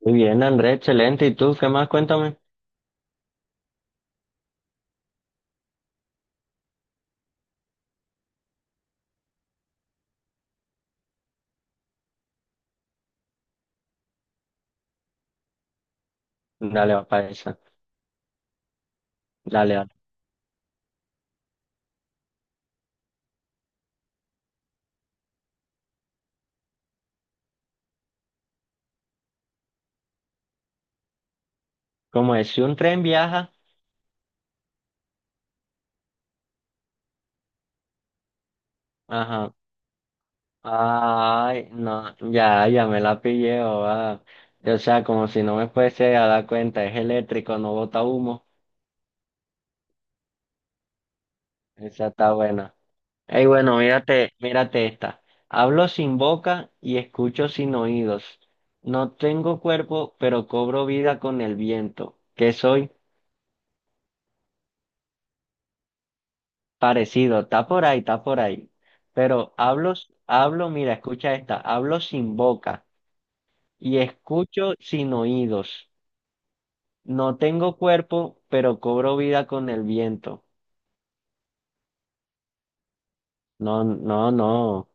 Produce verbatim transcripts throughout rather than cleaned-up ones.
Muy bien, Andrés, excelente. ¿Y tú qué más? Cuéntame. Dale, va para esa. Dale, dale. Como es, si un tren viaja, ajá. Ay, no, ya, ya me la pillé, o va. O sea, como si no me fuese a dar cuenta, es eléctrico, no bota humo. Esa está buena. Ey, bueno, mírate, mírate esta. Hablo sin boca y escucho sin oídos. No tengo cuerpo, pero cobro vida con el viento. ¿Qué soy? Parecido, está por ahí, está por ahí. Pero hablo, hablo, mira, escucha esta, hablo sin boca y escucho sin oídos. No tengo cuerpo, pero cobro vida con el viento. No, no, no,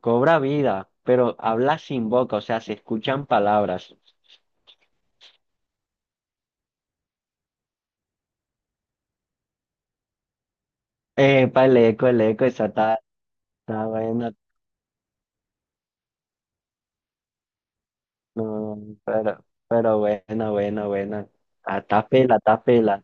cobra vida, pero habla sin boca, o sea, se escuchan palabras. Epa, el eco, el eco, esa está, está buena, no, pero, pero buena, buena, buena. Ah, está pela, está pela.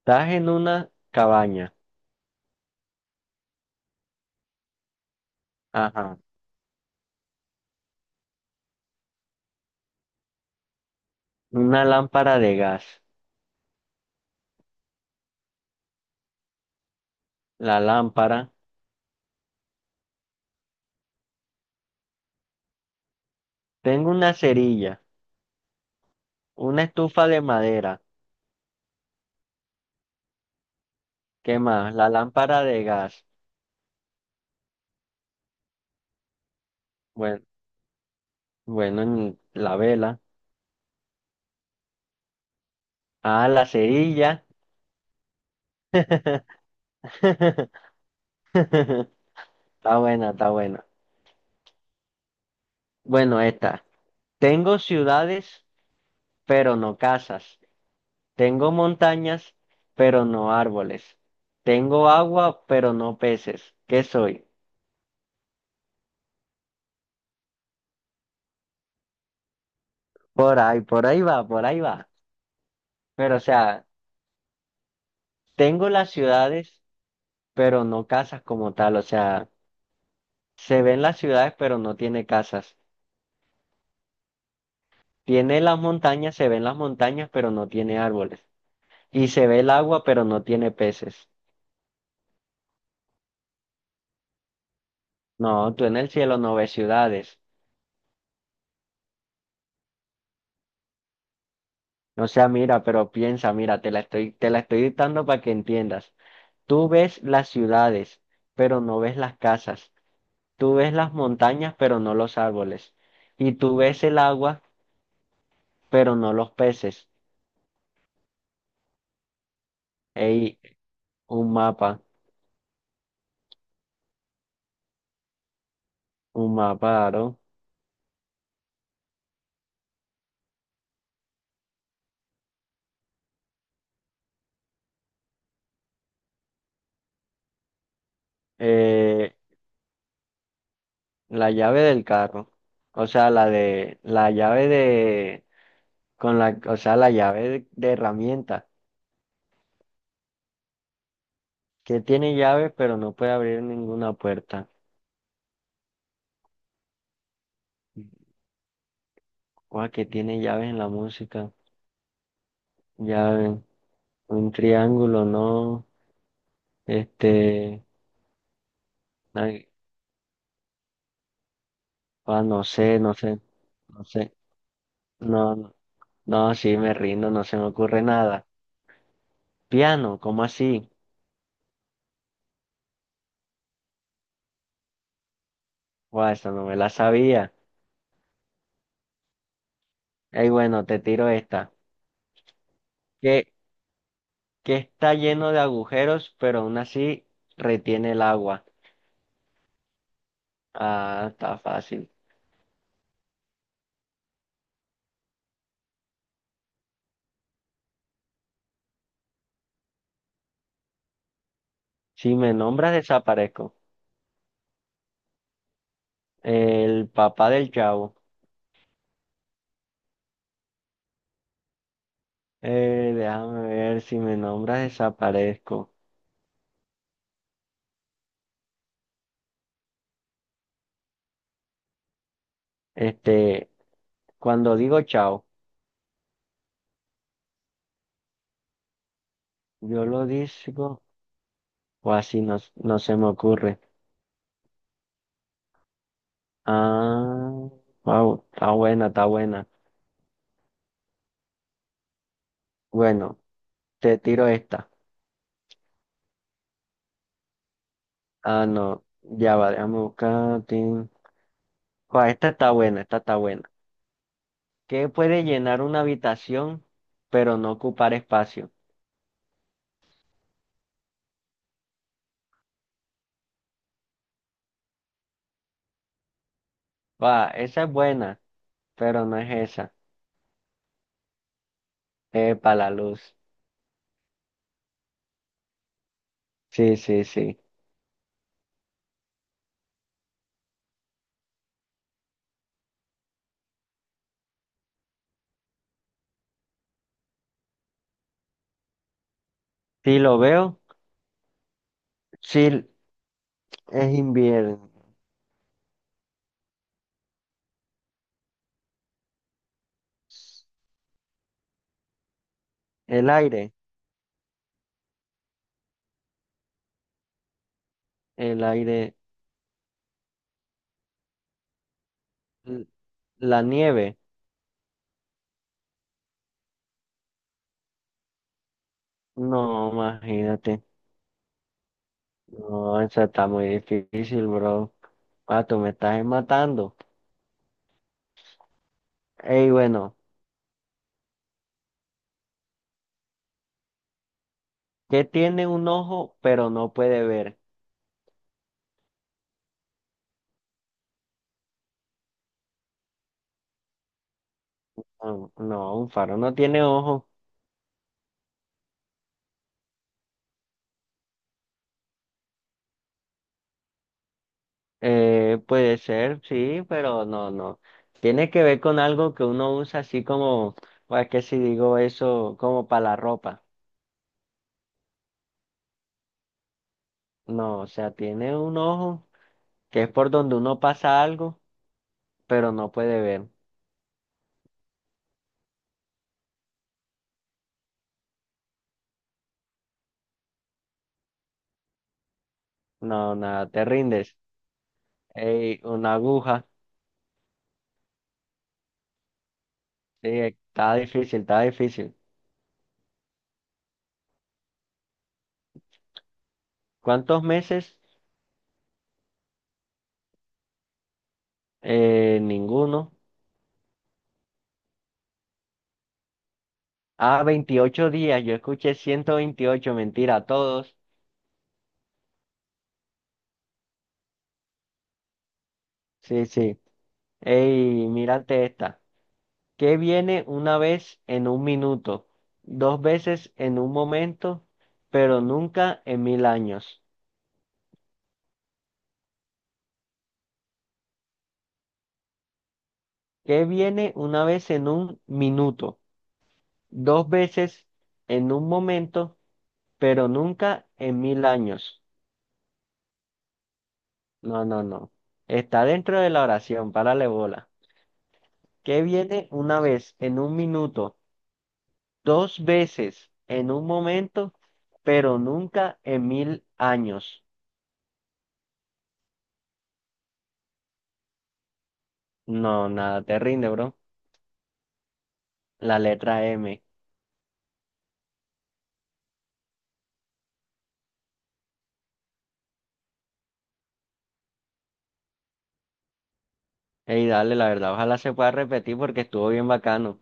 Estás en una cabaña. Ajá. Una lámpara de gas, la lámpara, tengo una cerilla, una estufa de madera, ¿qué más? La lámpara de gas, bueno, bueno, ni- la vela, ah, la cerilla. está buena, está buena. Bueno, esta, tengo ciudades, pero no casas, tengo montañas, pero no árboles, tengo agua, pero no peces. ¿Qué soy? Por ahí, por ahí va, por ahí va. Pero, o sea, tengo las ciudades, pero no casas como tal. O sea, se ven las ciudades, pero no tiene casas. Tiene las montañas, se ven las montañas, pero no tiene árboles. Y se ve el agua, pero no tiene peces. No, tú en el cielo no ves ciudades. O sea, mira, pero piensa, mira, te la estoy, te la estoy dictando para que entiendas. Tú ves las ciudades, pero no ves las casas. Tú ves las montañas, pero no los árboles. Y tú ves el agua, pero no los peces. Ey, un mapa. Un mapa, aro. Eh, la llave del carro. O sea, la de, la llave de, con la, o sea, la llave de, de herramienta. Que tiene llaves, pero no puede abrir ninguna puerta. Guau, que tiene llaves en la música. Llave. Un triángulo, no. Este, ay, guau, no sé, no sé, no sé. No, no, no, sí, me rindo, no se me ocurre nada. Piano, ¿cómo así? Guau, esa no me la sabía. Ey, bueno, te tiro esta. que, que está lleno de agujeros, pero aún así retiene el agua. Ah, está fácil. Si me nombras, desaparezco. El papá del chavo. Eh, déjame ver, si me nombras, desaparezco. Este, cuando digo chao, yo lo digo, o así no, no se me ocurre. Ah, wow, está buena, está buena. Bueno, te tiro esta. Ah, no, ya va, déjame buscar. Tin. Guau, esta está buena, esta está buena. ¿Qué puede llenar una habitación, pero no ocupar espacio? Va, esa es buena, pero no es esa. Para la luz. Sí, sí, sí. Si lo veo, sí, es invierno. El aire, el aire, l- la nieve. No, imagínate. No, esa está muy difícil, bro. Ah, tú me estás matando. Ey, bueno, ¿qué tiene un ojo, pero no puede ver? No, no, un faro no tiene ojo. Eh, puede ser, sí, pero no, no. Tiene que ver con algo que uno usa así como, o es que si digo eso, como para la ropa. No, o sea, tiene un ojo que es por donde uno pasa algo, pero no puede ver. No, nada, te rindes. Ey, una aguja. Sí, está difícil, está difícil. ¿Cuántos meses? Eh, ninguno. Ah, veintiocho días. Yo escuché ciento veintiocho mentira, todos. Sí, sí. Ey, mírate esta. ¿Qué viene una vez en un minuto, dos veces en un momento, pero nunca en mil años? ¿Qué viene una vez en un minuto, dos veces en un momento, pero nunca en mil años? No, no, no. Está dentro de la oración, párale bola. ¿Qué viene una vez en un minuto, dos veces en un momento, pero nunca en mil años? No, nada, te rinde, bro. La letra M. Ey, dale, la verdad, ojalá se pueda repetir porque estuvo bien bacano.